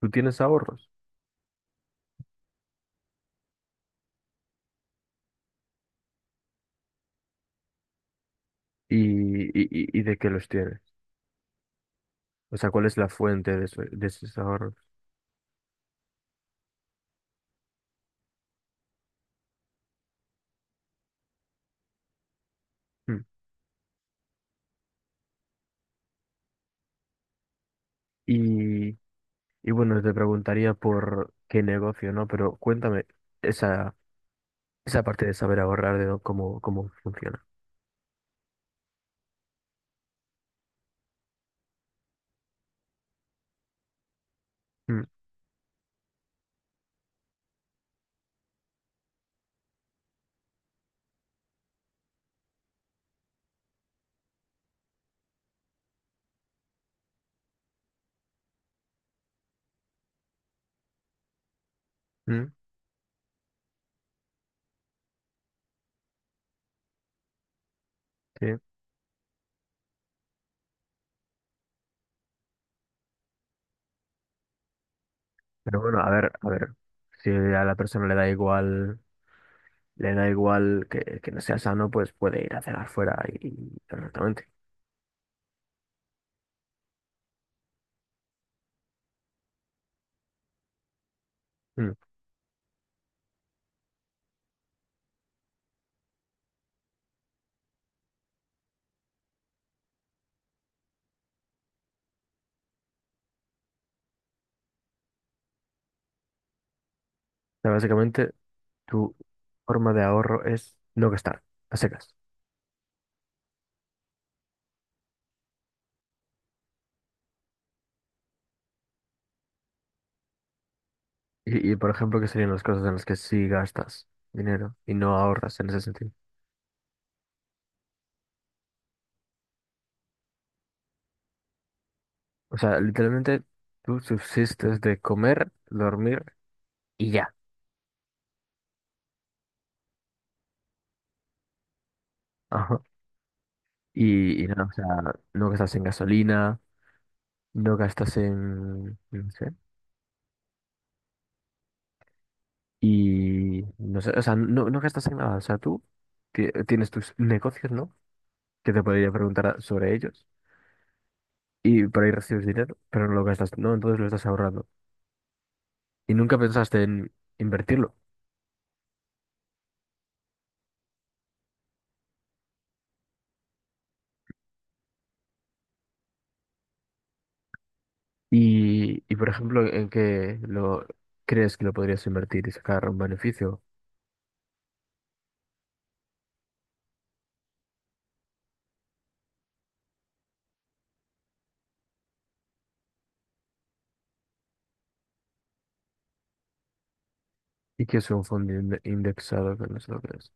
Tú tienes ahorros y, y de qué los tienes. O sea, ¿cuál es la fuente de esos ahorros? Hmm. Y, y bueno, te preguntaría por qué negocio, ¿no? Pero cuéntame esa, esa parte de saber ahorrar, cómo, cómo funciona. Hmm, hmm, sí. Pero bueno, a ver, si a la persona le da igual que no sea sano, pues puede ir a cenar fuera y perfectamente. Hmm. O sea, básicamente, tu forma de ahorro es no gastar, a secas. Y, por ejemplo, ¿qué serían las cosas en las que sí gastas dinero y no ahorras en ese sentido? O sea, literalmente tú subsistes de comer, dormir y ya. Ajá. Y nada, o sea, no gastas en gasolina, no gastas en, no sé, y no sé, o sea, no gastas en nada. O sea, tú tienes tus negocios, ¿no? Que te podría preguntar sobre ellos y por ahí recibes dinero, pero no lo gastas, ¿no? Entonces lo estás ahorrando. Y nunca pensaste en invertirlo. Y por ejemplo, ¿en qué lo crees que lo podrías invertir y sacar un beneficio? ¿Y qué es un fondo indexado que no sé lo que es?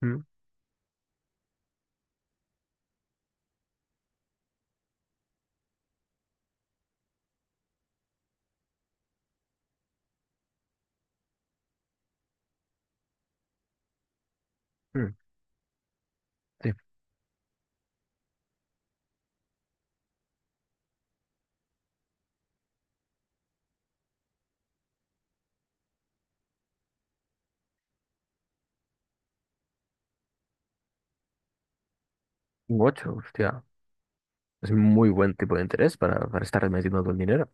¿Mm? Mm, sí, un ocho hostia. Es un muy buen tipo de interés para estar metiendo todo el dinero.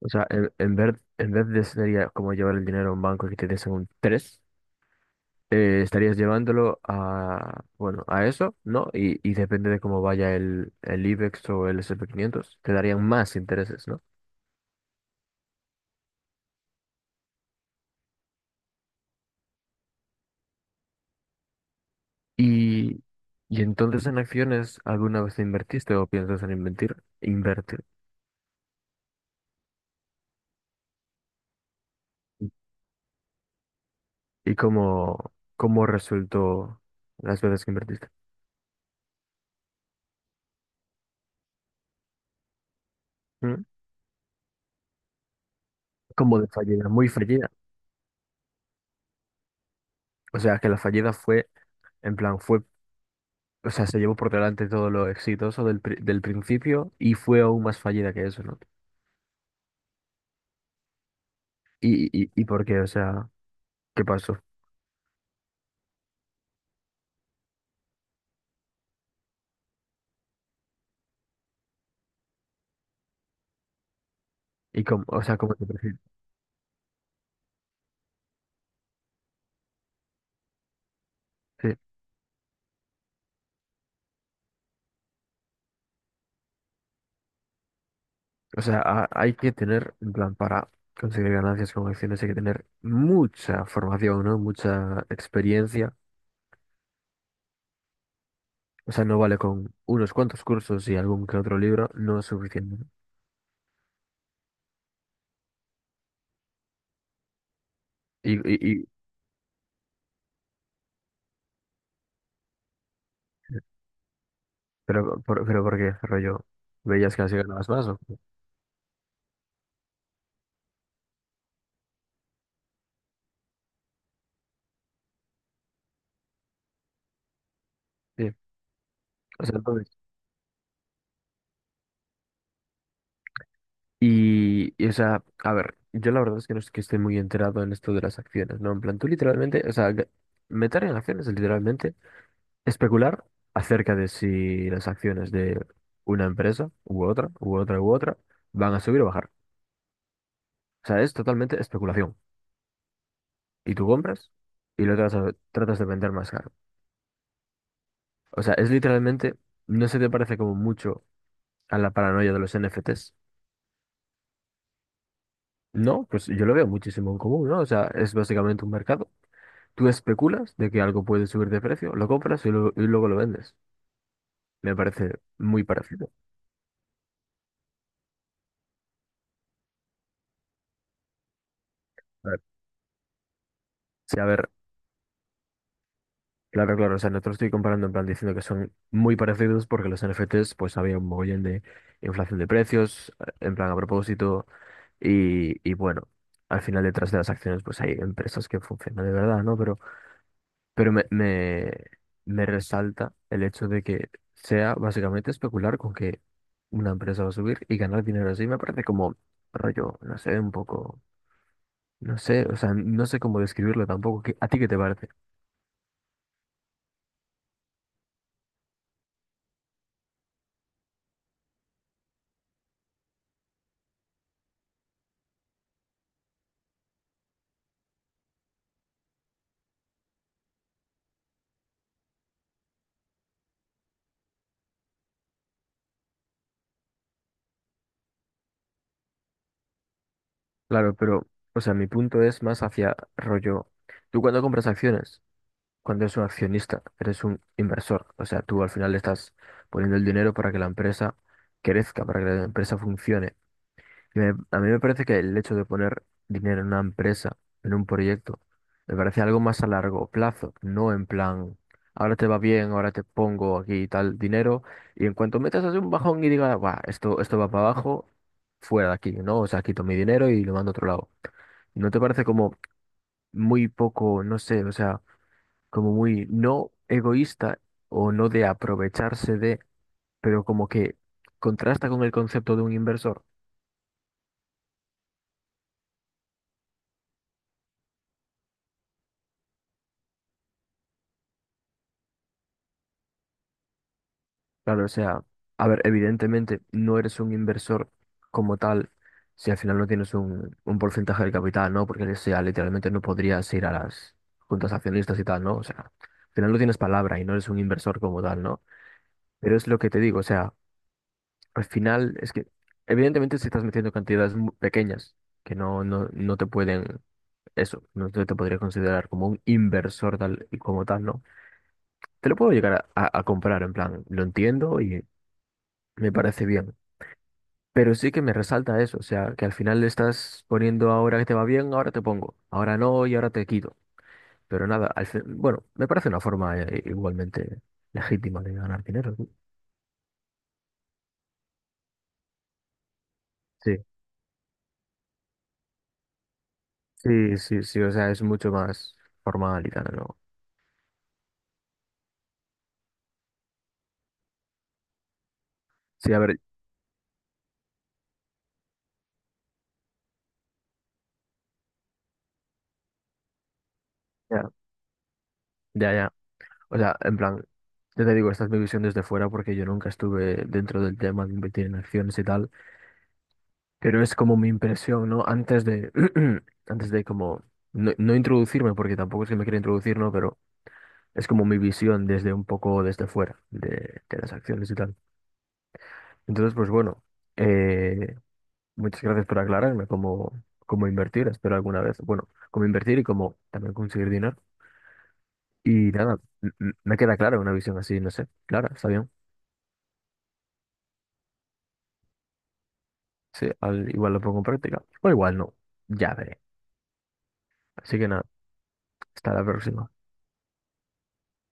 O sea, en vez de sería como llevar el dinero a un banco y que te des un 3 estarías llevándolo a, bueno, a eso, ¿no? Y depende de cómo vaya el IBEX o el S&P 500, te darían más intereses, no. Y, y entonces en acciones, ¿alguna vez invertiste o piensas en invertir? Invertir. ¿Y cómo, cómo resultó las veces que invertiste? ¿Mm? Como de fallida, muy fallida? O sea, que la fallida fue, en plan, fue, o sea, se llevó por delante todo lo exitoso del principio y fue aún más fallida que eso, ¿no? Y por qué? O sea, ¿qué pasó? ¿Y cómo, o sea, cómo te percibes? O sea, hay que tener, en plan, para conseguir ganancias con acciones, hay que tener mucha formación, ¿no? Mucha experiencia. O sea, no vale con unos cuantos cursos y algún que otro libro, no es suficiente, ¿no? Y, y, y pero ¿por qué, rollo? ¿Veías que así ganabas más o qué? Sí. O sea, entonces, y, o sea, a ver, yo la verdad es que no es que esté muy enterado en esto de las acciones, ¿no? En plan, tú literalmente, o sea, meter en acciones es literalmente especular acerca de si las acciones de una empresa u otra, u otra, u otra, van a subir o bajar. O sea, es totalmente especulación. Y tú compras y lo tratas, tratas de vender más caro. O sea, es literalmente, ¿no se te parece como mucho a la paranoia de los NFTs? No, pues yo lo veo muchísimo en común, ¿no? O sea, es básicamente un mercado. Tú especulas de que algo puede subir de precio, lo compras y, y luego lo vendes. Me parece muy parecido. A ver, sí, a ver, claro, claro, o sea, no te lo estoy comparando en plan diciendo que son muy parecidos porque los NFTs pues había un mogollón de inflación de precios, en plan a propósito, y bueno, al final detrás de las acciones pues hay empresas que funcionan de verdad, ¿no? Pero me, me resalta el hecho de que sea básicamente especular con que una empresa va a subir y ganar dinero así, me parece como rollo, no sé, un poco, no sé, o sea, no sé cómo describirlo tampoco, ¿a ti qué te parece? Claro, pero, o sea, mi punto es más hacia rollo. Tú cuando compras acciones, cuando eres un accionista, eres un inversor. O sea, tú al final le estás poniendo el dinero para que la empresa crezca, para que la empresa funcione a mí me parece que el hecho de poner dinero en una empresa, en un proyecto, me parece algo más a largo plazo, no en plan, ahora te va bien, ahora te pongo aquí tal dinero, y en cuanto metas así un bajón y digas, "Buah, esto va para abajo, fuera de aquí", ¿no? O sea, quito mi dinero y lo mando a otro lado. ¿No te parece como muy poco, no sé, o sea, como muy no egoísta o no de aprovecharse de, pero como que contrasta con el concepto de un inversor? Claro, o sea, a ver, evidentemente no eres un inversor como tal si al final no tienes un porcentaje del capital, ¿no? Porque, o sea, literalmente no podrías ir a las juntas accionistas y tal, ¿no? O sea, al final no tienes palabra y no eres un inversor como tal, ¿no? Pero es lo que te digo, o sea, al final es que, evidentemente si estás metiendo cantidades pequeñas que no te pueden, eso, no te, te podría considerar como un inversor tal y como tal, ¿no? Te lo puedo llegar a a comprar, en plan, lo entiendo y me parece bien. Pero sí que me resalta eso, o sea, que al final le estás poniendo ahora que te va bien, ahora te pongo, ahora no y ahora te quito. Pero nada, bueno, me parece una forma igualmente legítima de ganar dinero, ¿no? Sí, sí, sí, sí, o sea, es mucho más formal y tal, ¿no? Sí, a ver, ya, ya, ya. O sea, en plan, ya te digo, esta es mi visión desde fuera porque yo nunca estuve dentro del tema de invertir en acciones y tal, pero es como mi impresión, ¿no? Antes de, antes de como, no introducirme, porque tampoco es que me quiera introducir, ¿no? Pero es como mi visión desde un poco desde fuera de las acciones y tal. Entonces, pues bueno, eh, muchas gracias por aclararme cómo, cómo invertir, espero alguna vez, bueno, cómo invertir y cómo también conseguir dinero. Y nada, me queda clara una visión así, no sé, clara, está bien. Sí, igual lo pongo en práctica, o igual no, ya veré. Así que nada, hasta la próxima.